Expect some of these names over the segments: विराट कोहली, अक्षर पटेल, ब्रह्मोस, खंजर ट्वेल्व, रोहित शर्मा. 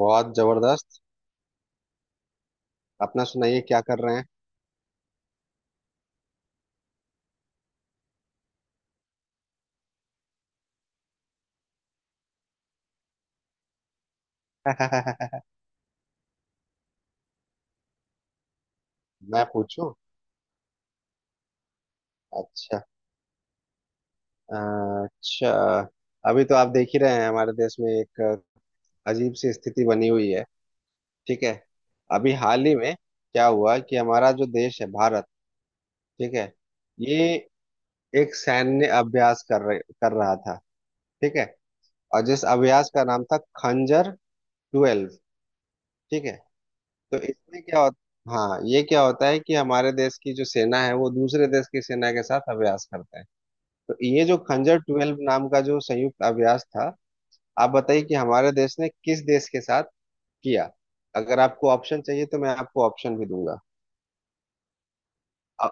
बहुत जबरदस्त। अपना सुनाइए क्या कर रहे हैं। मैं पूछूं। अच्छा। अच्छा। अभी तो आप देख ही रहे हैं हमारे देश में एक अजीब सी स्थिति बनी हुई है। ठीक है। अभी हाल ही में क्या हुआ कि हमारा जो देश है भारत। ठीक है। ये एक सैन्य अभ्यास कर रहा था। ठीक है। और जिस अभ्यास का नाम था खंजर 12। ठीक है। तो इसमें क्या होता, हाँ ये क्या होता है कि हमारे देश की जो सेना है वो दूसरे देश की सेना के साथ अभ्यास करते हैं। तो ये जो खंजर 12 नाम का जो संयुक्त अभ्यास था, आप बताइए कि हमारे देश ने किस देश के साथ किया। अगर आपको ऑप्शन चाहिए तो मैं आपको ऑप्शन भी दूंगा। अ-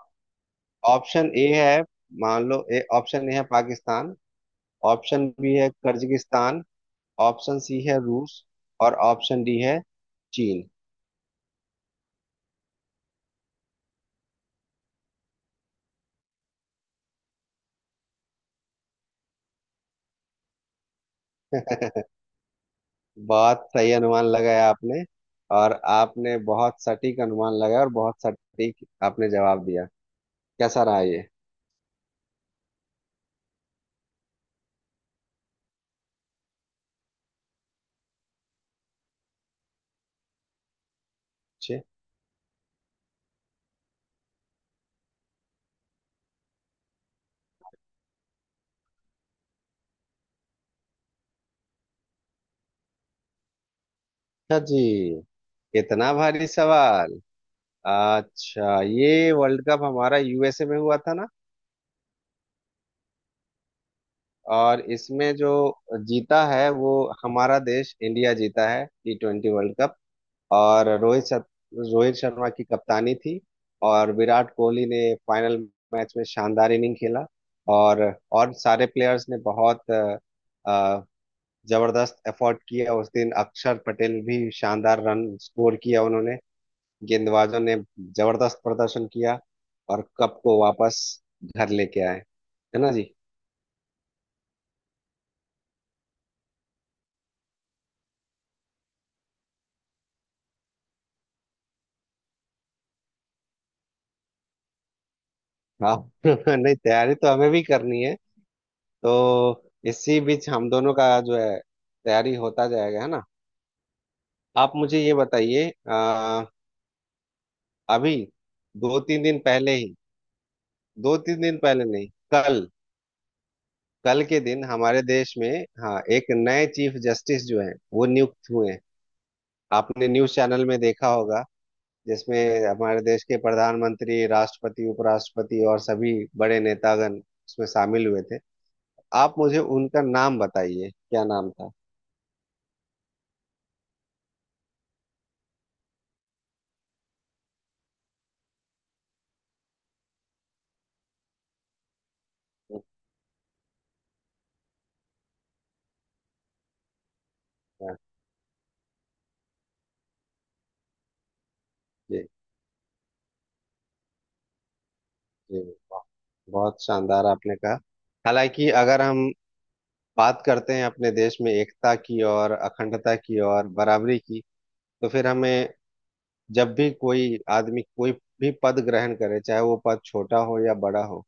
ऑप्शन ए है। मान लो ए, ऑप्शन ए है पाकिस्तान। ऑप्शन बी है कर्जिगिस्तान। ऑप्शन सी है रूस। और ऑप्शन डी है चीन। बहुत सही अनुमान लगाया आपने। और आपने बहुत सटीक अनुमान लगाया और बहुत सटीक आपने जवाब दिया। कैसा रहा ये। अच्छे। अच्छा जी, इतना भारी सवाल। अच्छा ये वर्ल्ड कप हमारा यूएसए में हुआ था ना। और इसमें जो जीता है वो हमारा देश इंडिया जीता है T20 वर्ल्ड कप। और रोहित शर्मा की कप्तानी थी। और विराट कोहली ने फाइनल मैच में शानदार इनिंग खेला। और सारे प्लेयर्स ने बहुत अ, जबरदस्त एफर्ट किया। उस दिन अक्षर पटेल भी शानदार रन स्कोर किया उन्होंने। गेंदबाजों ने जबरदस्त प्रदर्शन किया। और कप को वापस घर लेके आए। है ना जी। हाँ। नहीं, तैयारी तो हमें भी करनी है। तो इसी बीच हम दोनों का जो है, तैयारी होता जाएगा, है ना। आप मुझे ये बताइए अभी दो तीन दिन पहले ही, दो तीन दिन पहले नहीं, कल। कल के दिन हमारे देश में, हाँ, एक नए चीफ जस्टिस जो हैं वो नियुक्त हुए हैं। आपने न्यूज चैनल में देखा होगा जिसमें हमारे देश के प्रधानमंत्री, राष्ट्रपति, उपराष्ट्रपति और सभी बड़े नेतागण उसमें शामिल हुए थे। आप मुझे उनका नाम बताइए, क्या नाम था। अच्छा, जी जी। बहुत शानदार आपने कहा। हालांकि अगर हम बात करते हैं अपने देश में एकता की और अखंडता की और बराबरी की, तो फिर हमें जब भी कोई आदमी कोई भी पद ग्रहण करे, चाहे वो पद छोटा हो या बड़ा हो,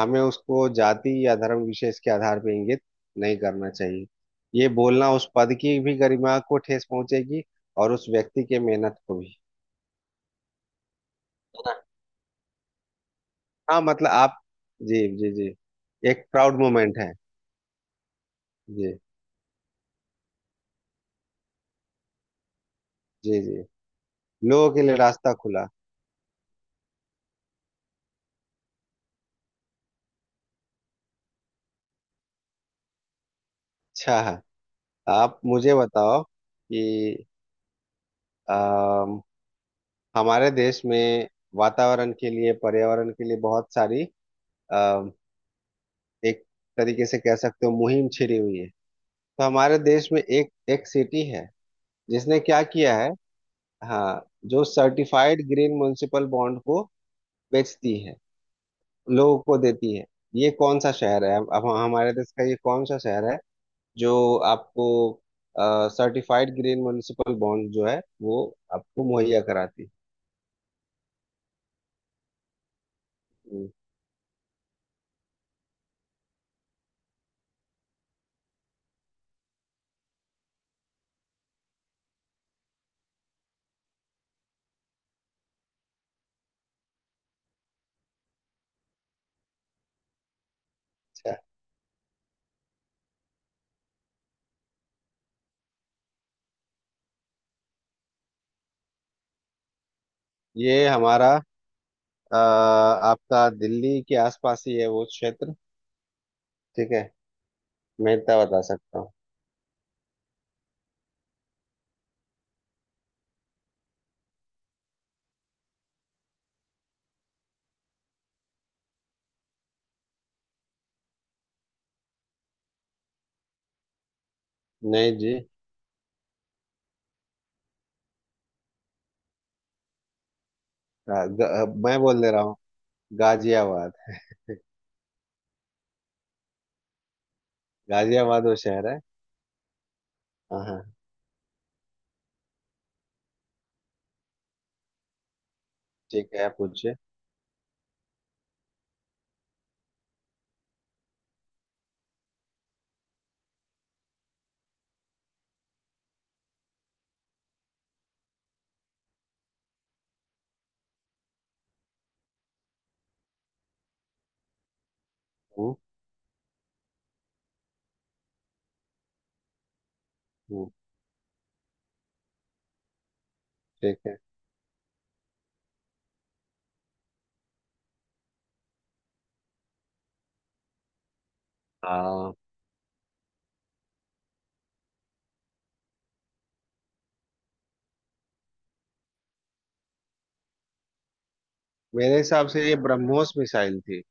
हमें उसको जाति या धर्म विशेष के आधार पर इंगित नहीं करना चाहिए। ये बोलना उस पद की भी गरिमा को ठेस पहुंचेगी और उस व्यक्ति के मेहनत को भी। है ना। हाँ मतलब आप, जी जी जी, एक प्राउड मोमेंट है। जी जी जी, लोगों के लिए रास्ता खुला। अच्छा, आप मुझे बताओ कि अम, हमारे देश में वातावरण के लिए, पर्यावरण के लिए बहुत सारी, अम, एक तरीके से कह सकते हो, मुहिम छिड़ी हुई है। तो हमारे देश में एक एक सिटी है जिसने क्या किया है। हाँ, जो सर्टिफाइड ग्रीन म्युनिसिपल बॉन्ड को बेचती है, लोगों को देती है। ये कौन सा शहर है, अब हमारे देश का ये कौन सा शहर है जो आपको सर्टिफाइड ग्रीन म्युनिसिपल बॉन्ड जो है वो आपको मुहैया कराती है। हम्म। अच्छा ये हमारा आपका, दिल्ली के आसपास ही है वो क्षेत्र। ठीक है। मैं इतना बता सकता हूँ। नहीं जी, गा, गा, मैं बोल दे रहा हूँ। गाजियाबाद। गाजियाबाद वो शहर है। हाँ हाँ। ठीक है आप पूछिए। हम्म हम्म। ठीक है। हाँ मेरे हिसाब से ये ब्रह्मोस मिसाइल थी।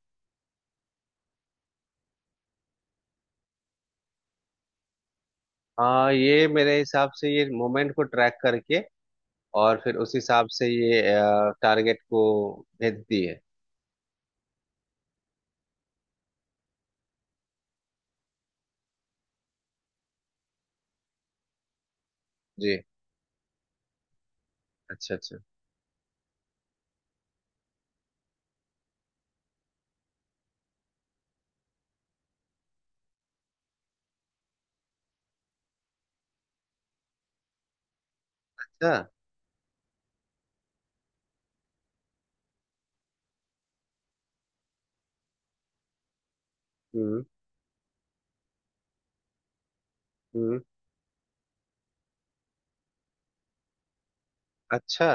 हाँ, ये मेरे हिसाब से ये मोमेंट को ट्रैक करके और फिर उस हिसाब से ये टारगेट को भेजती है। जी। अच्छा अच्छा। अच्छा। हम्म हम्म। अच्छा।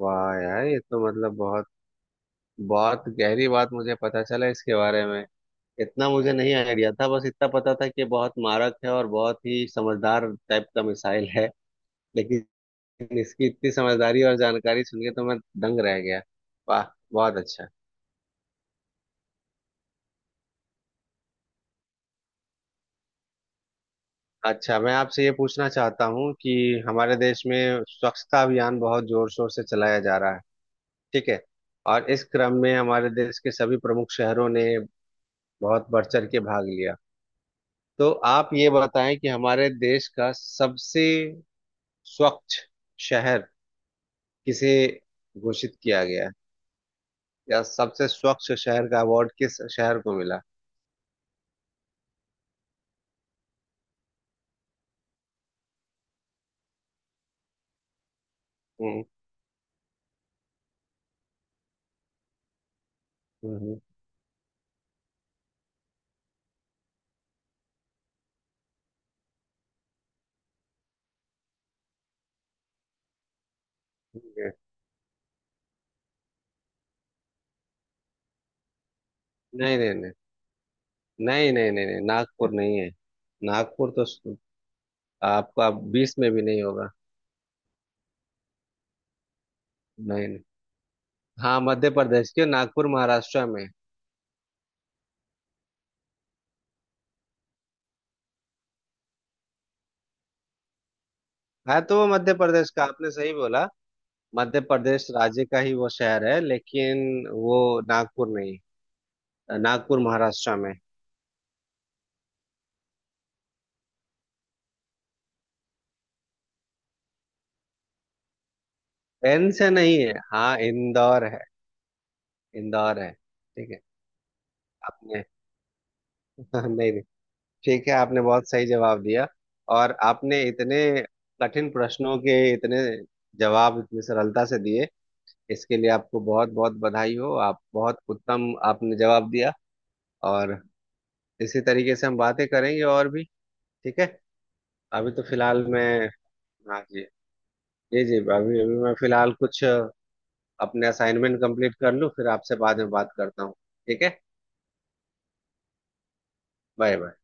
वाह यार, ये तो मतलब बहुत बहुत गहरी बात मुझे पता चला इसके बारे में। इतना मुझे नहीं आइडिया था, बस इतना पता था कि ये बहुत मारक है और बहुत ही समझदार टाइप का मिसाइल है। लेकिन इसकी इतनी समझदारी और जानकारी सुन के तो मैं दंग रह गया। वाह, बहुत अच्छा। अच्छा मैं आपसे ये पूछना चाहता हूँ कि हमारे देश में स्वच्छता अभियान बहुत जोर शोर से चलाया जा रहा है। ठीक है। और इस क्रम में हमारे देश के सभी प्रमुख शहरों ने बहुत बढ़ चढ़ के भाग लिया। तो आप ये बताएं कि हमारे देश का सबसे स्वच्छ शहर किसे घोषित किया गया, या सबसे स्वच्छ शहर का अवार्ड किस शहर को मिला। हम्म हम्म। हम्म। नहीं नहीं नहीं नहीं नहीं नहीं नहीं, नागपुर नहीं है। नागपुर तो आपका 20 में भी नहीं होगा। नहीं नहीं। हाँ, मध्य प्रदेश के, नागपुर महाराष्ट्र में है तो वो मध्य प्रदेश का आपने सही बोला। मध्य प्रदेश राज्य का ही वो शहर है लेकिन वो नागपुर नहीं। नागपुर महाराष्ट्र में। एन से नहीं है, हाँ इंदौर है। इंदौर है, ठीक है। आपने नहीं नहीं, ठीक है, आपने बहुत सही जवाब दिया। और आपने इतने कठिन प्रश्नों के इतने जवाब इतनी सरलता से दिए। इसके लिए आपको बहुत बहुत बधाई हो, आप बहुत उत्तम आपने जवाब दिया। और इसी तरीके से हम बातें करेंगे और भी। ठीक है। अभी तो फिलहाल मैं, हाँ जी। जी जी, अभी अभी मैं फिलहाल कुछ अपने असाइनमेंट कंप्लीट कर लूँ, फिर आपसे बाद में बात करता हूँ। ठीक है। Bye bye.